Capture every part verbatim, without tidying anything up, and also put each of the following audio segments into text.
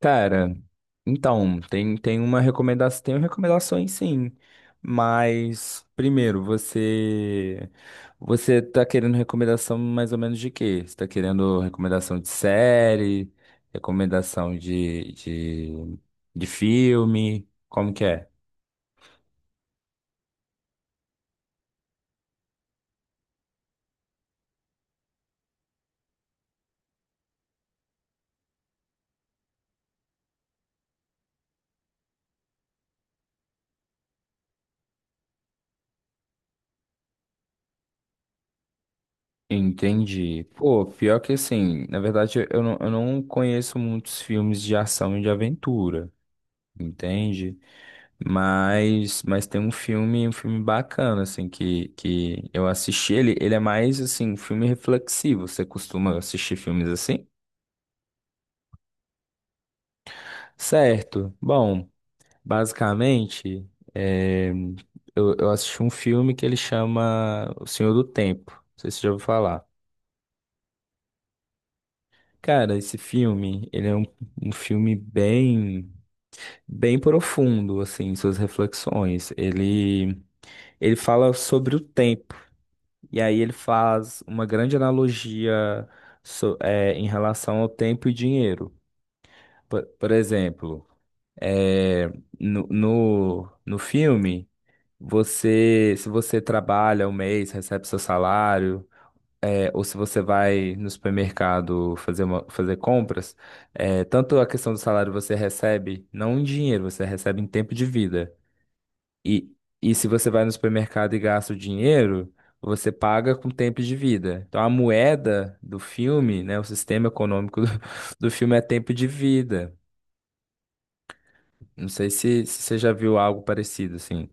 Cara, então, tem, tem uma recomendação, tem recomendações sim, mas primeiro, você você tá querendo recomendação mais ou menos de quê? Você tá querendo recomendação de série, recomendação de, de, de filme, como que é? Entendi. Pô, pior que assim, na verdade eu não, eu não conheço muitos filmes de ação e de aventura, entende? Mas, mas tem um filme, um filme bacana, assim, que, que eu assisti ele. Ele é mais, assim, um filme reflexivo. Você costuma assistir filmes assim? Certo. Bom, basicamente, é, eu, eu assisti um filme que ele chama O Senhor do Tempo. Não sei se você já ouviu falar. Cara, esse filme, ele é um, um filme bem, bem profundo, assim, em suas reflexões. Ele, ele fala sobre o tempo. E aí ele faz uma grande analogia so- é, em relação ao tempo e dinheiro. Por, por exemplo, é, no, no, no filme, você, se você trabalha um mês, recebe seu salário, é, ou se você vai no supermercado fazer, uma- fazer compras, é, tanto a questão do salário você recebe, não em dinheiro, você recebe em tempo de vida. E, e se você vai no supermercado e gasta o dinheiro, você paga com tempo de vida. Então a moeda do filme, né, o sistema econômico do, do filme é tempo de vida. Não sei se, se você já viu algo parecido assim.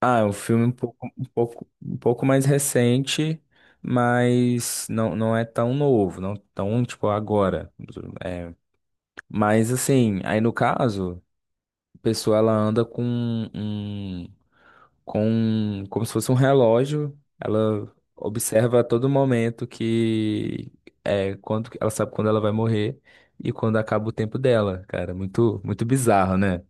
Ah, é um filme um pouco, um pouco, um pouco mais recente, mas não, não é tão novo, não tão tipo agora. É, mas assim, aí no caso, a pessoa ela anda com um com como se fosse um relógio. Ela observa a todo momento que é quando ela sabe quando ela vai morrer e quando acaba o tempo dela, cara. Muito muito bizarro, né?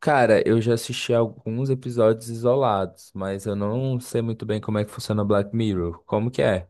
Cara, eu já assisti alguns episódios isolados, mas eu não sei muito bem como é que funciona Black Mirror. Como que é?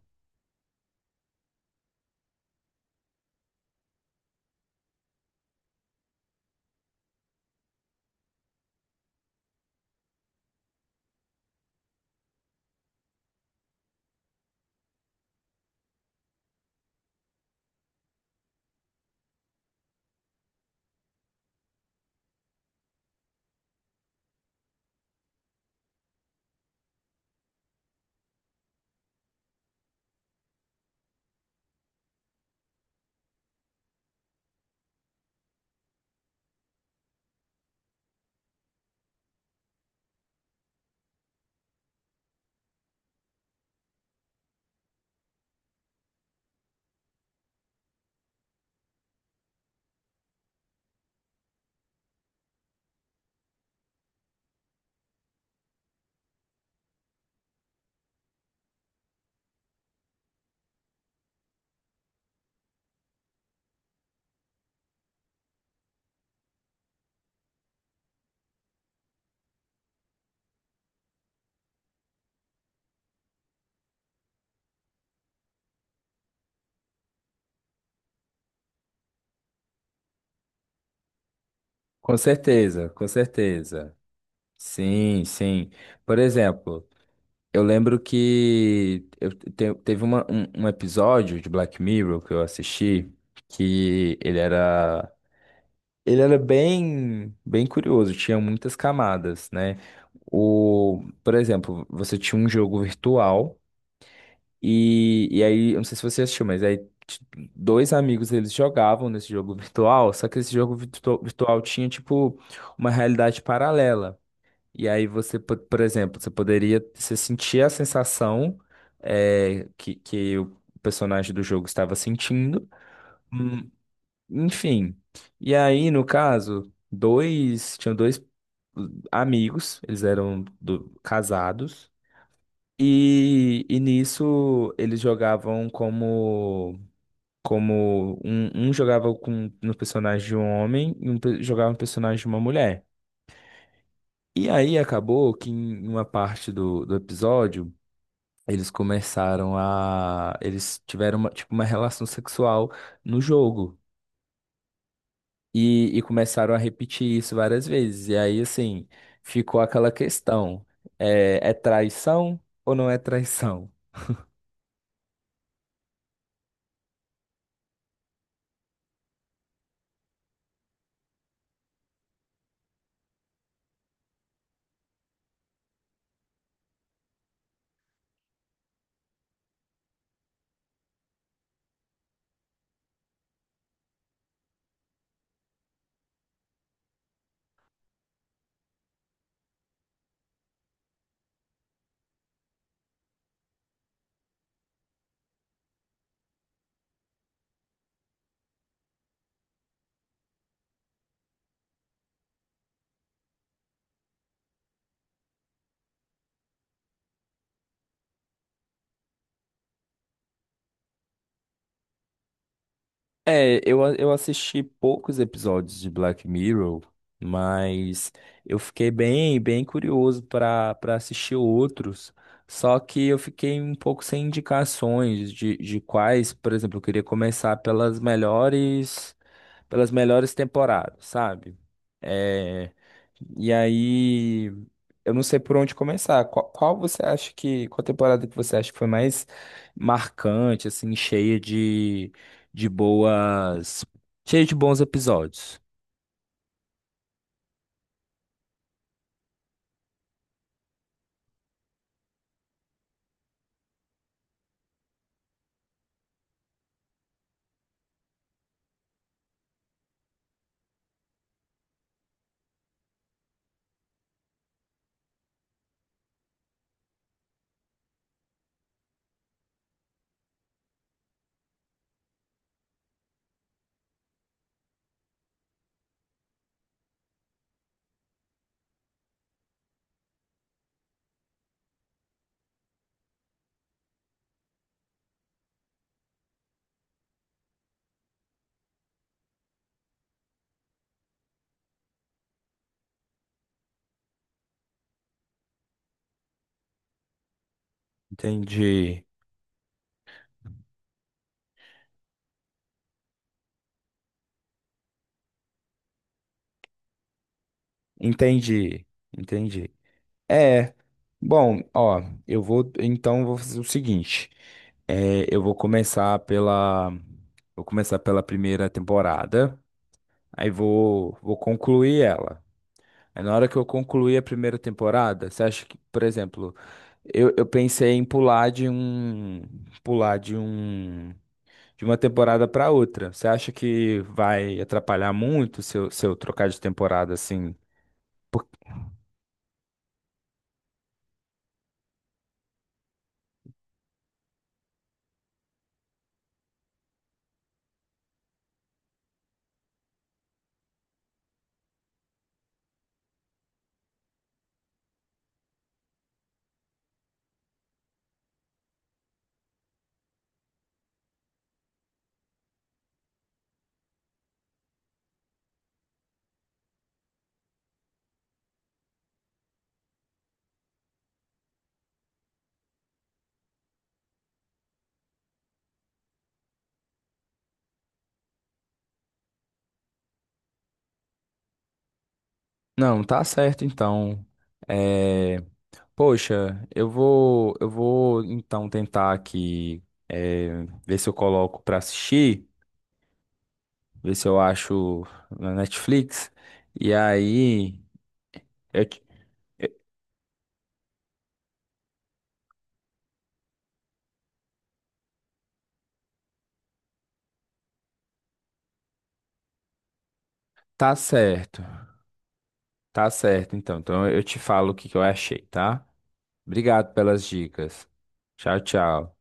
Com certeza, com certeza. Sim, sim. Por exemplo, eu lembro que eu te- teve uma- um, um episódio de Black Mirror que eu assisti que ele era ele era bem bem curioso, tinha muitas camadas, né? O, por exemplo, você tinha um jogo virtual e, e aí, eu não sei se você assistiu, mas aí t- dois amigos eles jogavam nesse jogo virtual, só que esse jogo virtu- virtual tinha tipo uma realidade paralela. E aí você, po- por exemplo, você poderia você sentir a sensação eh, que, que o personagem do jogo estava sentindo. Hum, Enfim. E aí, no caso, dois, tinham dois amigos, eles eram do- casados. E, e nisso eles jogavam como como um, um jogava com no personagem de um homem e um pe- jogava no personagem de uma mulher. E aí acabou que em uma parte do, do episódio eles começaram a. Eles tiveram uma, tipo, uma relação sexual no jogo. E, e começaram a repetir isso várias vezes. E aí, assim, ficou aquela questão: é, é traição ou não é traição? É, eu, a- eu assisti poucos episódios de Black Mirror, mas eu fiquei bem, bem curioso para para assistir outros. Só que eu fiquei um pouco sem indicações de, de quais, por exemplo, eu queria começar pelas melhores, pelas melhores temporadas, sabe? É, e aí, eu não sei por onde começar. Qual, qual você acha que, qual temporada que você acha que foi mais marcante, assim, cheia de, de boas, cheia de bons episódios? Entendi, entendi, entendi. É, bom, ó, eu vou, então, eu vou fazer o seguinte. É, eu vou começar pela, vou começar pela primeira temporada, aí vou, vou concluir ela. Aí na hora que eu concluí a primeira temporada, você acha que, por exemplo, eu, eu pensei em pular de um, pular de um, de uma temporada para outra. Você acha que vai atrapalhar muito se eu, se eu trocar de temporada assim? Não, tá certo então. É, poxa, eu vou, eu vou então tentar aqui, é, ver se eu coloco para assistir, ver se eu acho na Netflix. E aí, eu te- eu- tá certo. Tá certo, então. Então eu te falo o que que eu achei, tá? Obrigado pelas dicas. Tchau, tchau.